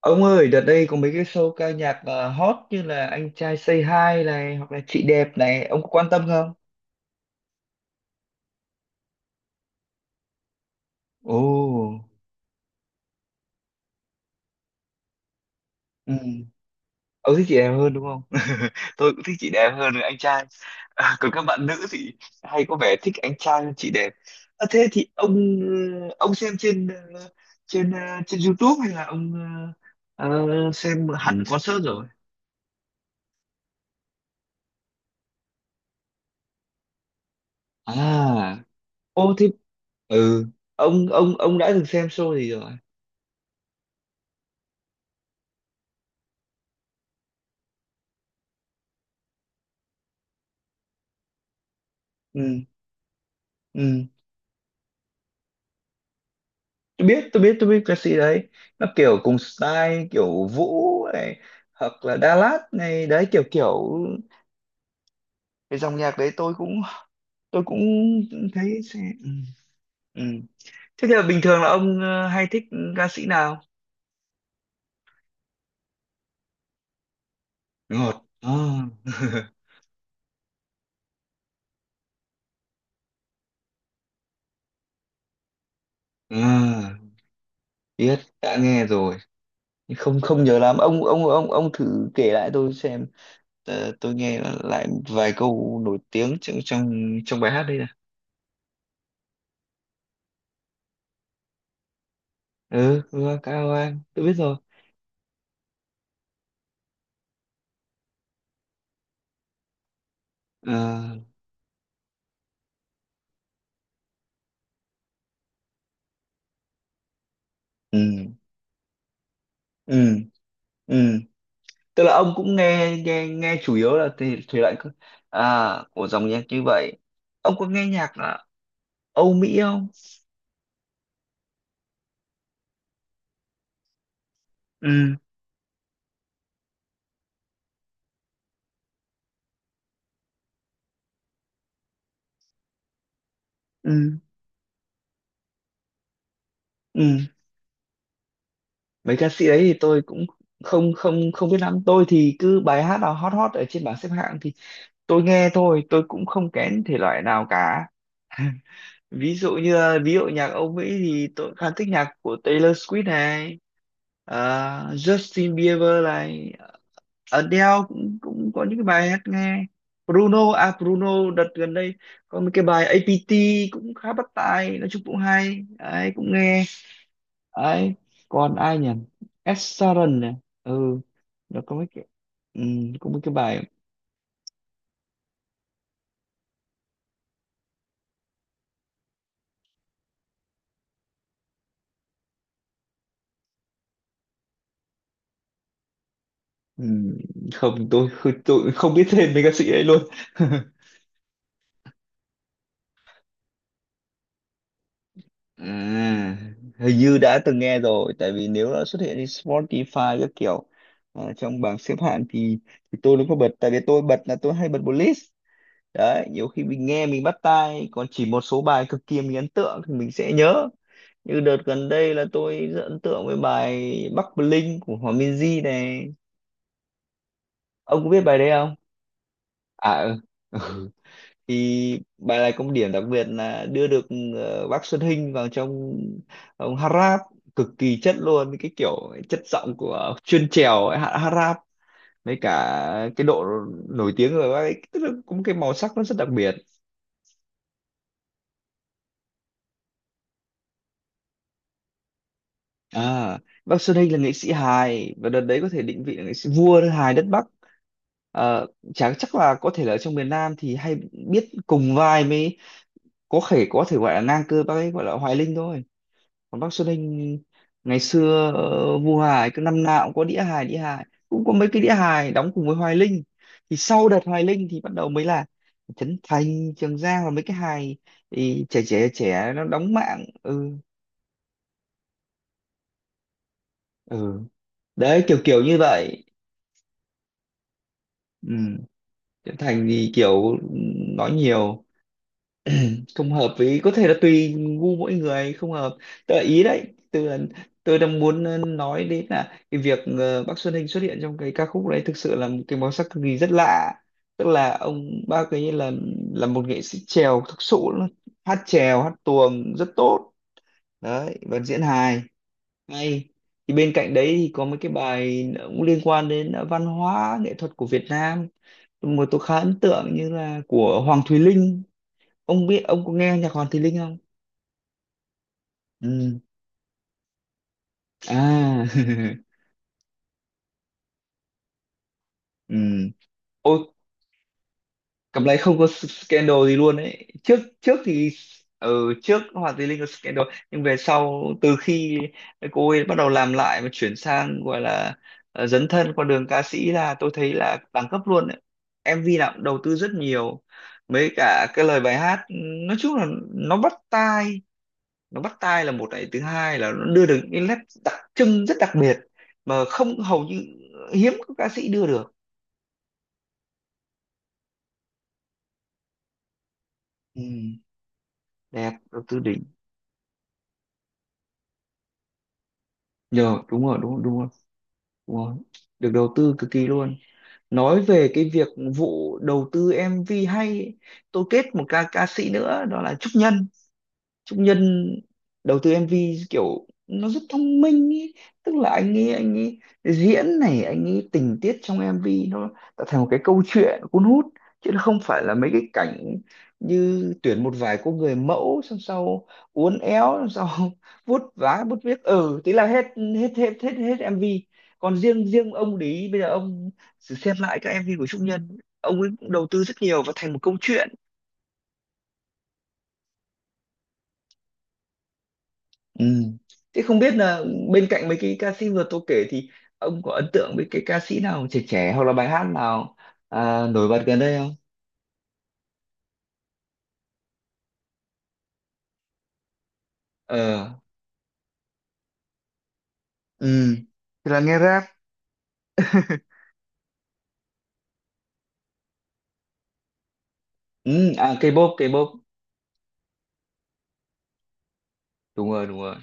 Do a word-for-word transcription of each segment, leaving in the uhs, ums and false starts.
Ông ơi, đợt đây có mấy cái show ca nhạc ờ, hot như là Anh trai Say Hi này hoặc là Chị đẹp này, ông có quan tâm không? Ồ, ừ. Ông thích chị đẹp hơn đúng không? Tôi cũng thích chị đẹp hơn là anh trai. À, còn các bạn nữ thì hay có vẻ thích anh trai hơn chị đẹp. À, thế thì ông ông xem trên ờ, trên ờ, trên YouTube hay là ông ờ, ờ, xem hẳn concert rồi? À, ô thế ừ, ông ông ông đã từng xem show gì rồi? Ừ, ừ. tôi biết tôi biết tôi biết ca sĩ đấy, nó kiểu cùng style kiểu Vũ này hoặc là Đà Lạt này đấy, kiểu kiểu cái dòng nhạc đấy tôi cũng tôi cũng thấy sẽ ừ. Ừ. Thế thì là bình thường là ông ờ, hay thích ca sĩ nào, ngọt à. À, biết đã nghe rồi nhưng không không nhớ lắm, ông ông ông ông thử kể lại tôi xem. Ờ, tôi nghe lại vài câu nổi tiếng trong trong trong bài hát đây nè. Ừ, Hoa Cao Anh tôi biết rồi. Ừ, ừ, ừ, tức là ông cũng nghe nghe nghe chủ yếu là thể thể loại cơ- à của dòng nhạc như vậy. Ông có nghe nhạc là Âu Mỹ không? Ừ, ừ, ừ, mấy ca sĩ đấy thì tôi cũng không không không biết lắm. Tôi thì cứ bài hát nào hot hot ở trên bảng xếp hạng thì tôi nghe thôi, tôi cũng không kén thể loại nào cả. Ví dụ như là- ví dụ nhạc Âu Mỹ thì tôi khá thích nhạc của Taylor Swift này, à, Justin Bieber này, Adele cũng cũng có những cái bài hát nghe, Bruno à Bruno đợt gần đây có một cái bài a pê tê cũng khá bắt tai, nói chung cũng hay đấy, cũng nghe đấy. Còn ai nhỉ? Ed Sheeran này, ừ, nó có mấy cái, ừ, có mấy cái bài. ừ, Không tôi, tôi không biết tên mấy ca sĩ ấy luôn. À, hình như đã từng nghe rồi tại vì nếu đã xuất hiện trên Spotify các kiểu ờ, trong bảng xếp hạng thì, thì tôi nó có bật, tại vì tôi bật là tôi hay bật một list đấy, nhiều khi mình nghe mình bắt tai, còn chỉ một số bài cực kỳ mình ấn tượng thì mình sẽ nhớ. Như đợt gần đây là tôi rất ấn tượng với bài Bắc Bling của Hòa Minzy này, ông có biết bài đấy không? À, ừ. Thì bài này có một điểm đặc biệt là đưa được ờ, bác Xuân Hinh vào trong, ông hát rap cực kỳ chất luôn, cái kiểu chất giọng của chuyên trèo ấy, hát hát rap với cả cái độ nổi tiếng của bác ấy, tức là cũng cái màu sắc nó rất đặc biệt. À, bác Xuân Hinh là nghệ sĩ hài và đợt đấy có thể định vị là nghệ sĩ vua hài đất Bắc. Ờ, chả chắc là có thể là ở trong miền Nam thì hay biết cùng vai mới, có thể có thể gọi là ngang cơ bác ấy gọi là Hoài Linh thôi. Còn bác Xuân Hinh ngày xưa ờ, vua hài cứ năm nào cũng có đĩa hài, đĩa hài cũng có mấy cái đĩa hài đóng cùng với Hoài Linh. Thì sau đợt Hoài Linh thì bắt đầu mới là Trấn Thành, Trường Giang và mấy cái hài thì trẻ trẻ trẻ nó đóng mạng, ừ, ừ, đấy kiểu kiểu như vậy. Ừ. Diễm Thành thì kiểu nói nhiều, không hợp với, có thể là tùy gu mỗi người không hợp. Tôi ý đấy tôi tôi đang muốn ờ, nói đến là cái việc ờ, bác Xuân Hinh xuất hiện trong cái ca khúc đấy thực sự là một cái màu sắc cực kỳ rất lạ. Tức là ông bác ấy là là một nghệ sĩ chèo thực sự luôn, hát chèo hát tuồng rất tốt đấy và diễn hài hay. Thì bên cạnh đấy thì có mấy cái bài cũng liên quan đến à, văn hóa nghệ thuật của Việt Nam mà tôi khá ấn tượng như là của Hoàng Thùy Linh, ông biết, ông có nghe nhạc Hoàng Thùy Linh không? Ừ. À ừ. Ôi, cặp này không có scandal gì luôn ấy, trước trước thì ừ, trước Hoàng Thùy Linh có scandal, nhưng về sau từ khi cô ấy bắt đầu làm lại và chuyển sang gọi là ờ, dấn thân qua đường ca sĩ là tôi thấy là đẳng cấp luôn ấy. em vê nào cũng đầu tư rất nhiều, mấy cả cái lời bài hát, nói chung là nó bắt tai nó bắt tai là một, này thứ hai là nó đưa được những nét đặc trưng rất đặc biệt mà không, hầu như hiếm có ca sĩ đưa được. Ừ, đẹp, đầu tư đỉnh nhờ, đúng rồi đúng rồi đúng rồi. Đúng rồi. Được đầu tư cực kỳ luôn. Nói về cái việc vụ đầu tư em vê hay ấy, tôi kết một ca ca sĩ nữa đó là Trúc Nhân. Trúc Nhân đầu tư em vê kiểu nó rất thông minh ý. Tức là anh ấy anh ấy diễn này, anh ấy tình tiết trong em vê nó tạo thành một cái câu chuyện cuốn hút, chứ nó không phải là mấy cái cảnh như tuyển một vài cô người mẫu, xong sau uốn éo, xong sau vuốt vá vuốt viết ừ thế là hết, hết hết hết hết em vê. Còn riêng riêng ông Lý, bây giờ ông thử xem lại các em vê của Trúc Nhân, ông ấy cũng đầu tư rất nhiều và thành một câu chuyện. Ừ. Thế không biết là bên cạnh mấy cái ca sĩ vừa tôi kể thì ông có ấn tượng với cái ca sĩ nào trẻ trẻ hoặc là bài hát nào à, nổi bật gần đây không? Ờ. Ừ. Thì là nghe rap. Ừ. À K-pop, K-pop. Đúng rồi, đúng rồi.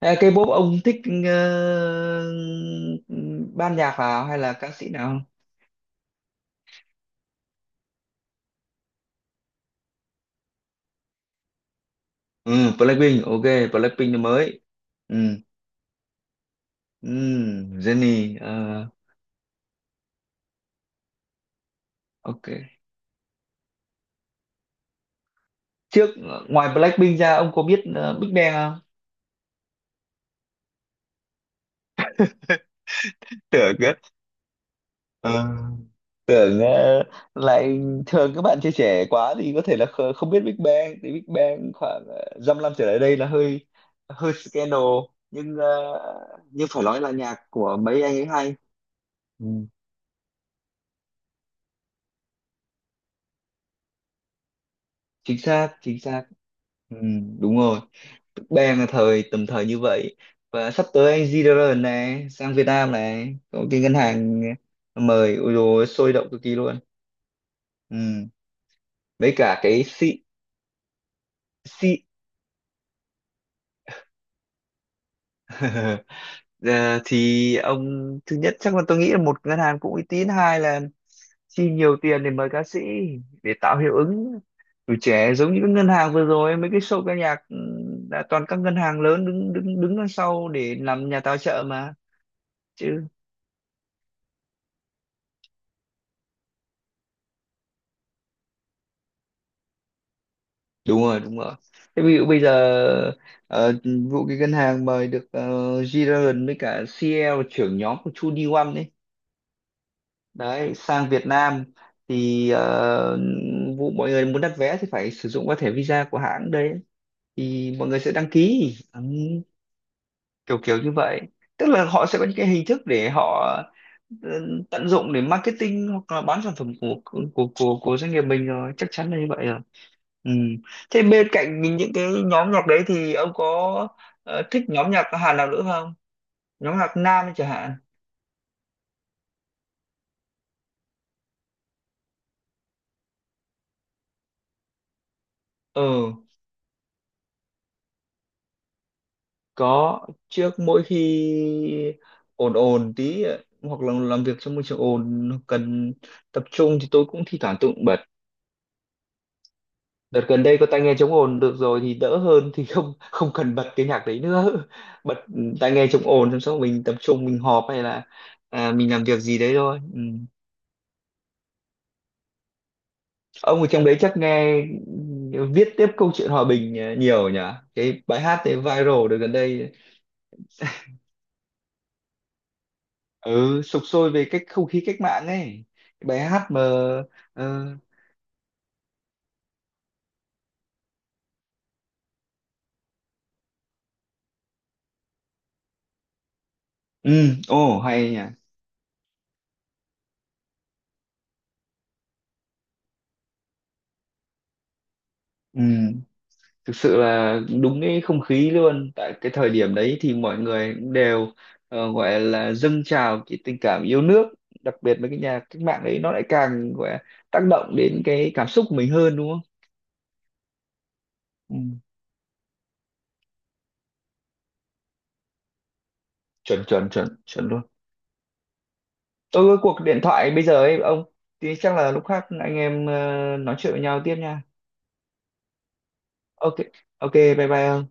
À, K-pop ông thích ờ, ban nhạc nào hay là ca sĩ nào? Ừ, Blackpink, ok, Blackpink là mới. Ừ. Ừ, Jennie, ờ, ok. Trước ngoài Blackpink ra, ông có biết ờ, Big Bang không? Tưởng cơ. Ờ. tưởng ờ, Lại thường các bạn trẻ trẻ quá thì có thể là kh- không biết Big Bang. Thì Big Bang khoảng ờ, dăm năm trở lại đây là hơi hơi scandal, nhưng ờ, nhưng phải nói là nhạc của mấy anh ấy hay. Ừ, chính xác chính xác. Ừ, đúng rồi, Big Bang là thời tầm thời như vậy. Và sắp tới anh G-Dragon này sang Việt Nam này, có cái ngân hàng mời, ôi dồi ôi, sôi động cực kỳ luôn. Ừ, với cả cái C C Ờ, thì ông thứ nhất chắc là tôi nghĩ là một ngân hàng cũng uy tín, hai là chi nhiều tiền để mời ca sĩ để tạo hiệu ứng tuổi trẻ, giống như các ngân hàng vừa rồi mấy cái show ca nhạc ừ, là toàn các ngân hàng lớn đứng đứng đứng đằng sau để làm nhà tài trợ mà chứ. Đúng rồi đúng rồi. Thế ví dụ bây giờ ờ, vụ cái ngân hàng mời được uh, G-Dragon với cả xi eo trưởng nhóm của hai en i oăn đấy sang Việt Nam, thì ờ, vụ mọi người muốn đặt vé thì phải sử dụng qua thẻ visa của hãng đấy, thì mọi người sẽ đăng ký ừ, kiểu kiểu như vậy. Tức là họ sẽ có những cái hình thức để họ ờ, tận dụng để marketing hoặc là bán sản phẩm của của của, của doanh nghiệp mình rồi, chắc chắn là như vậy rồi. Ừ. Thế bên cạnh những những cái nhóm nhạc đấy thì ông có ờ, thích nhóm nhạc Hàn nào nữa không, nhóm nhạc nam chẳng hạn. Ừ có, trước mỗi khi ồn ồn tí hoặc là làm việc trong môi trường ồn cần tập trung thì tôi cũng thi thoảng tự bật. Đợt gần đây có tai nghe chống ồn được rồi thì đỡ hơn, thì không không cần bật cái nhạc đấy nữa bật tai nghe chống ồn xong sau mình tập trung, mình họp hay là à, mình làm việc gì đấy thôi. Ừ. Ông ở trong đấy chắc nghe ừ, viết tiếp câu chuyện hòa bình à, nhiều nhỉ, cái bài hát đấy viral được gần đây, ừ sục sôi về cách không khí cách mạng ấy, cái bài hát mà ờ, ừ. Ồ hay nhỉ. Ừ, thực sự là đúng cái không khí luôn, tại cái thời điểm đấy thì mọi người cũng đều ờ, gọi là dâng trào cái tình cảm yêu nước. Đặc biệt với cái nhà cách mạng đấy nó lại càng gọi là tác động đến cái cảm xúc của mình hơn, đúng không? Ừ. chuẩn chuẩn chuẩn chuẩn luôn. Tôi có cuộc điện thoại bây giờ ấy ông, thì chắc là lúc khác anh em ờ, nói chuyện với nhau tiếp nha. Ok, ok, bye bye ông.